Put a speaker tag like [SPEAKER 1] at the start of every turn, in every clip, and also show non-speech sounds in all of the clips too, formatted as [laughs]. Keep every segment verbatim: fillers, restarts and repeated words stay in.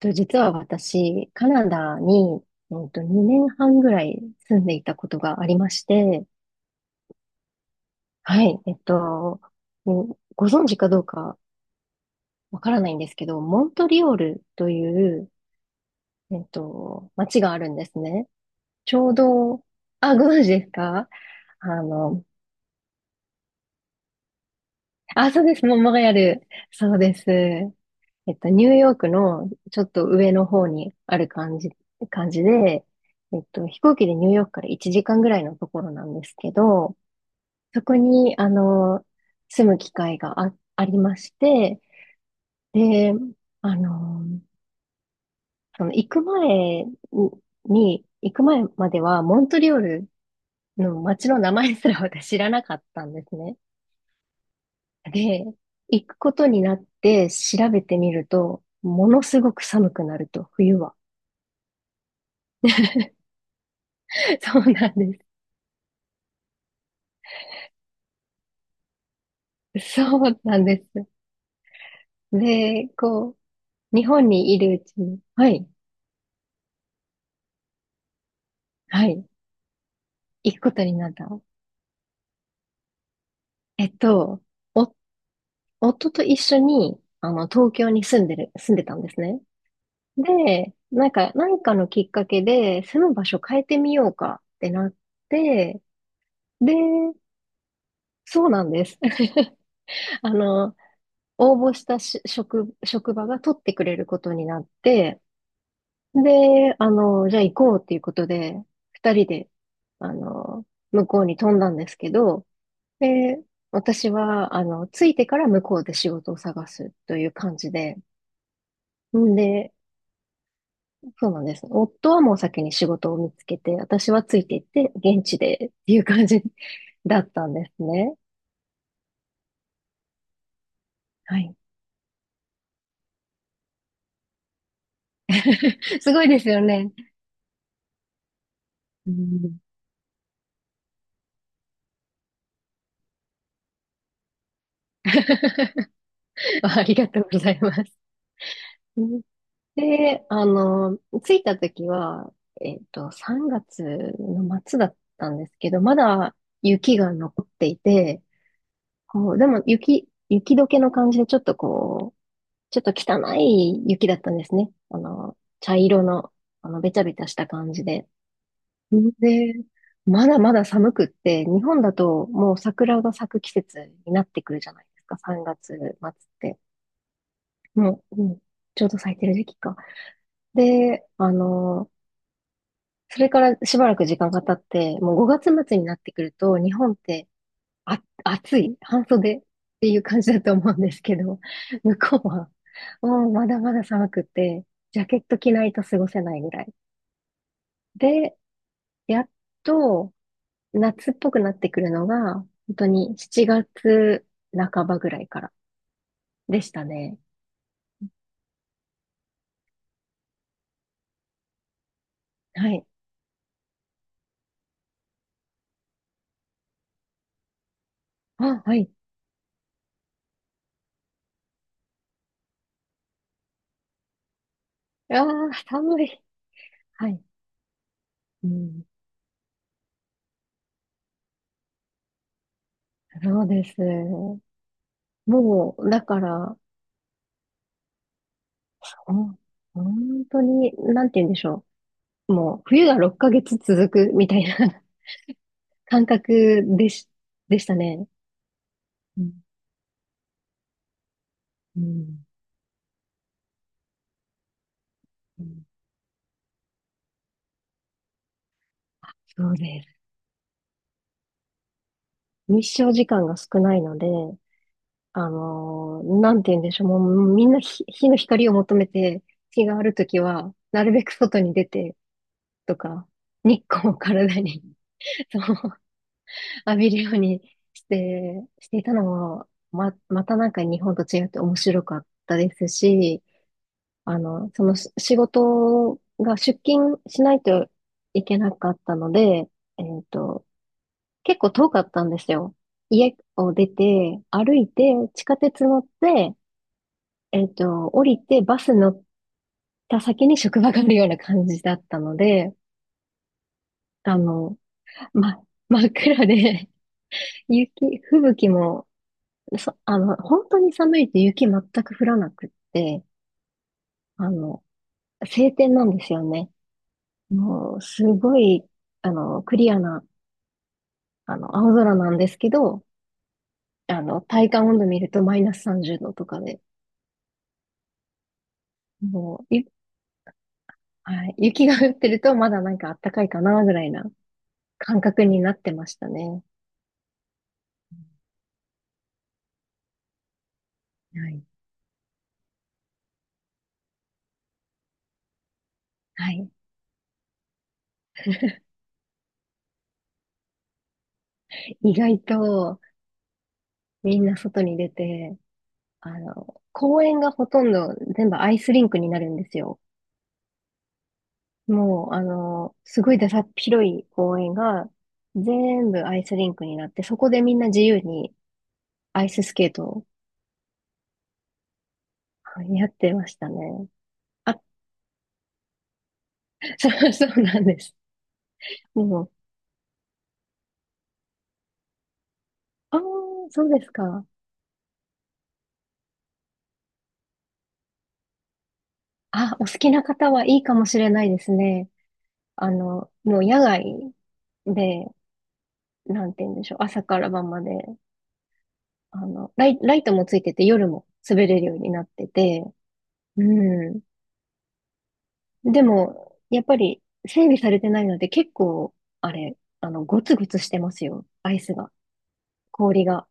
[SPEAKER 1] と、実は私、カナダに、うんと、にねんはんぐらい住んでいたことがありまして、はい、えっと、うん、ご存知かどうかわからないんですけど、モントリオールという、えっと、街があるんですね。ちょうど、あ、ご存知ですか？あの、あ、そうです。もうモンレアル。そうです。えっと、ニューヨークのちょっと上の方にある感じ、感じで、えっと、飛行機でニューヨークからいちじかんぐらいのところなんですけど、そこに、あの、住む機会があ、ありまして、で、あの、その行く前に、行く前まではモントリオールの街の名前すら私知らなかったんですね。で、行くことになって調べてみると、ものすごく寒くなると、冬は。[laughs] そうなんです。そうなんです。で、こう、日本にいるうちに、はい、はい、行くことになった。えっと、お、夫と一緒に、あの、東京に住んでる、住んでたんですね。で、なんか、何かのきっかけで、住む場所変えてみようかってなって、で、そうなんです。[laughs] あの、応募したし職、職場が取ってくれることになって、で、あの、じゃあ行こうっていうことで、二人で、あの、向こうに飛んだんですけど、で、私は、あの、着いてから向こうで仕事を探すという感じで、んで、そうなんです。夫はもう先に仕事を見つけて、私はついていって、現地でっていう感じ [laughs] だったんですね。はい。[laughs] すごいですよね。うん。 [laughs] ありがとうございます。うん。で、あの、着いた時は、えっと、さんがつの末だったんですけど、まだ雪が残っていて、こう、でも雪、雪解けの感じでちょっとこう、ちょっと汚い雪だったんですね。あの、茶色の、あの、べちゃべちゃした感じで。で、まだまだ寒くって、日本だともう桜が咲く季節になってくるじゃないですか、さんがつ末って。もう、うん、ちょうど咲いてる時期か。で、あのそれからしばらく時間が経って、もうごがつ末になってくると、日本って、あ、暑い、半袖っていう感じだと思うんですけど、[laughs] 向こうは、もうまだまだ寒くて、ジャケット着ないと過ごせないぐらい。で、やっと夏っぽくなってくるのが、本当にしちがつばぐらいからでしたね。はい。あ、はい。ああ、寒い。はい。うん。そうです。もう、だから、うん、本当に、なんて言うんでしょう。もう、冬がろっかげつ続くみたいな [laughs] 感覚でし、でしたね。うん。うん、うん、そうです。日照時間が少ないので、あのーなんて言うんでしょう。もう、みんな日、日の光を求めて、日があるときは、なるべく外に出て、とか、日光を体に [laughs] そう、浴びるようにして、していたのも、ま、またなんか日本と違って面白かったですし、あの、そのし仕事が出勤しないといけなかったので、えっと、結構遠かったんですよ。家を出て、歩いて、地下鉄乗って、えっと、降りて、バス乗った先に職場があるような感じだったので、あの、ま、真っ暗で [laughs] 雪、吹雪も、そ、あの、本当に寒いと雪全く降らなくって、あの、晴天なんですよね。もう、すごい、あの、クリアな、あの、青空なんですけど、あの、体感温度見るとマイナスさんじゅうどとかで、もう、ゆ、はい、雪が降ってるとまだなんか暖かいかな、ぐらいな感覚になってましたね。はい。はい。意外と、みんな外に出て、あの、公園がほとんど全部アイスリンクになるんですよ。もう、あの、すごいださっ広い公園が、全部アイスリンクになって、そこでみんな自由に、アイススケートを、はい、やってましたね。あ、[laughs] そう、そうなんです。もう、ああ、そうですか。あ、お好きな方はいいかもしれないですね。あの、もう野外で、なんて言うんでしょう。朝から晩まで、あの、ライ、ライトもついてて夜も滑れるようになってて、うん。でも、やっぱり整備されてないので結構、あれ、あの、ゴツゴツしてますよ。アイスが、氷が。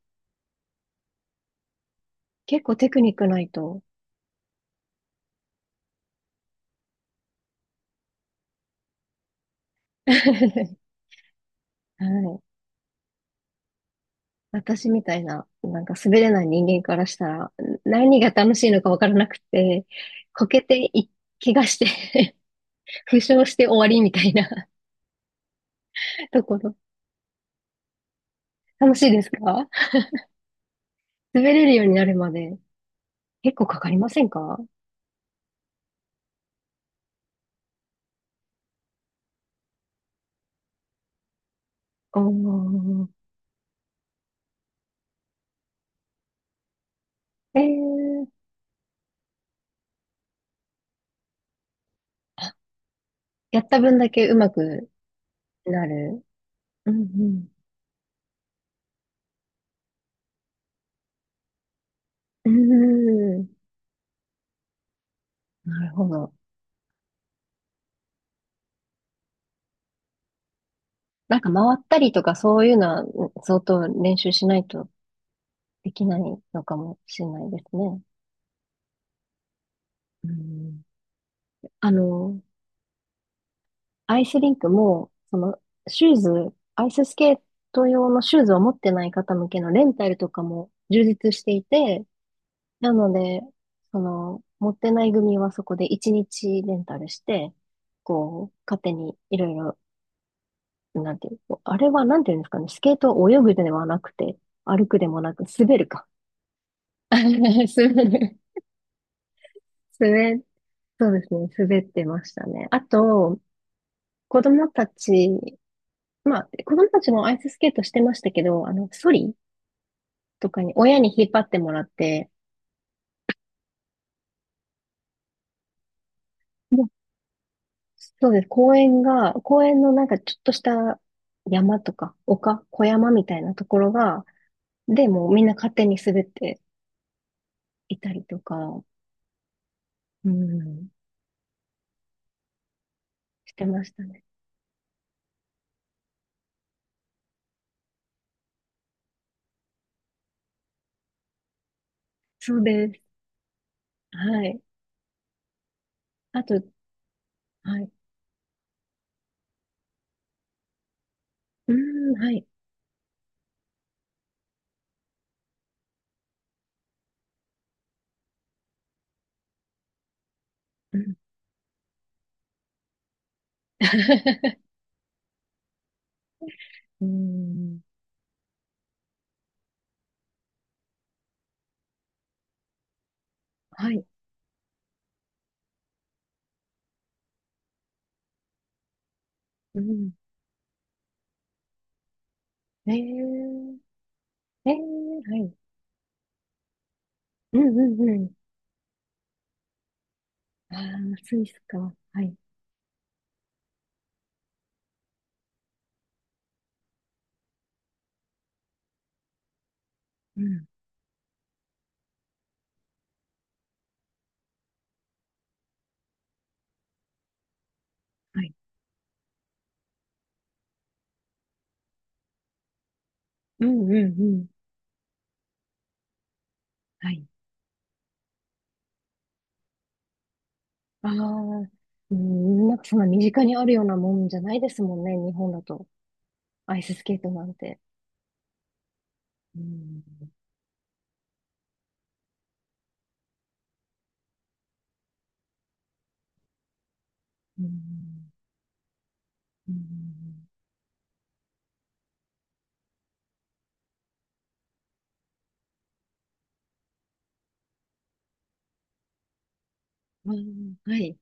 [SPEAKER 1] 結構テクニックないと。[laughs] はい。私みたいな、なんか滑れない人間からしたら、何が楽しいのかわからなくて、こけてい、怪我して [laughs] 負傷して終わりみたいな [laughs] ところ。楽しいですか？滑れるようになるまで結構かかりませんかおー。えー、やった分だけ上手くなる。うんうん。うーん。なるほど。なんか回ったりとかそういうのは、うん、相当練習しないとできないのかもしれないですね。うん、あの、アイスリンクも、その、シューズ、アイススケート用のシューズを持ってない方向けのレンタルとかも充実していて、なので、その、持ってない組はそこでいちにちレンタルして、こう、勝手にいろいろ、なんていう、こうあれはなんていうんですかね、スケートを泳ぐではなくて、歩くでもなく、滑るか。[laughs] 滑る。滑、そうですね、滑ってましたね。あと、子供たち、まあ、子供たちもアイススケートしてましたけど、あの、ソリとかに親に引っ張ってもらって、もう、そうです。公園が、公園のなんかちょっとした山とか、丘、小山みたいなところが、で、もうみんな勝手に滑っていたりとか、うん、してましたね。そうです。はい。あと、はい。うん、はい。うん。[laughs] うん。[laughs] はい。うん。えー、えー、はい。うんうんうん。ああ、スイスか。はい。うん。はい。うんうんうん。はい。ああ、うん、なんかそんな身近にあるようなもんじゃないですもんね、日本だと。アイススケートなんて。うん。うん。うん。うん、はい。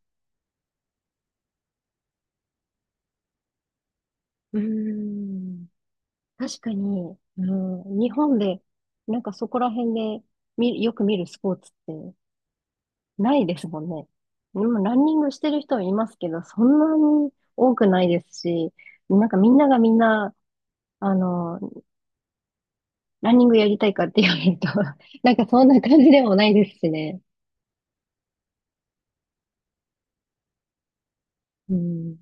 [SPEAKER 1] うん。確かに、うん、日本で、なんかそこら辺で見、よく見るスポーツってないですもんね。でもランニングしてる人はいますけど、そんなに多くないですし、なんかみんながみんな、あの、ランニングやりたいかって言われると [laughs] なんかそんな感じでもないですしね。うん。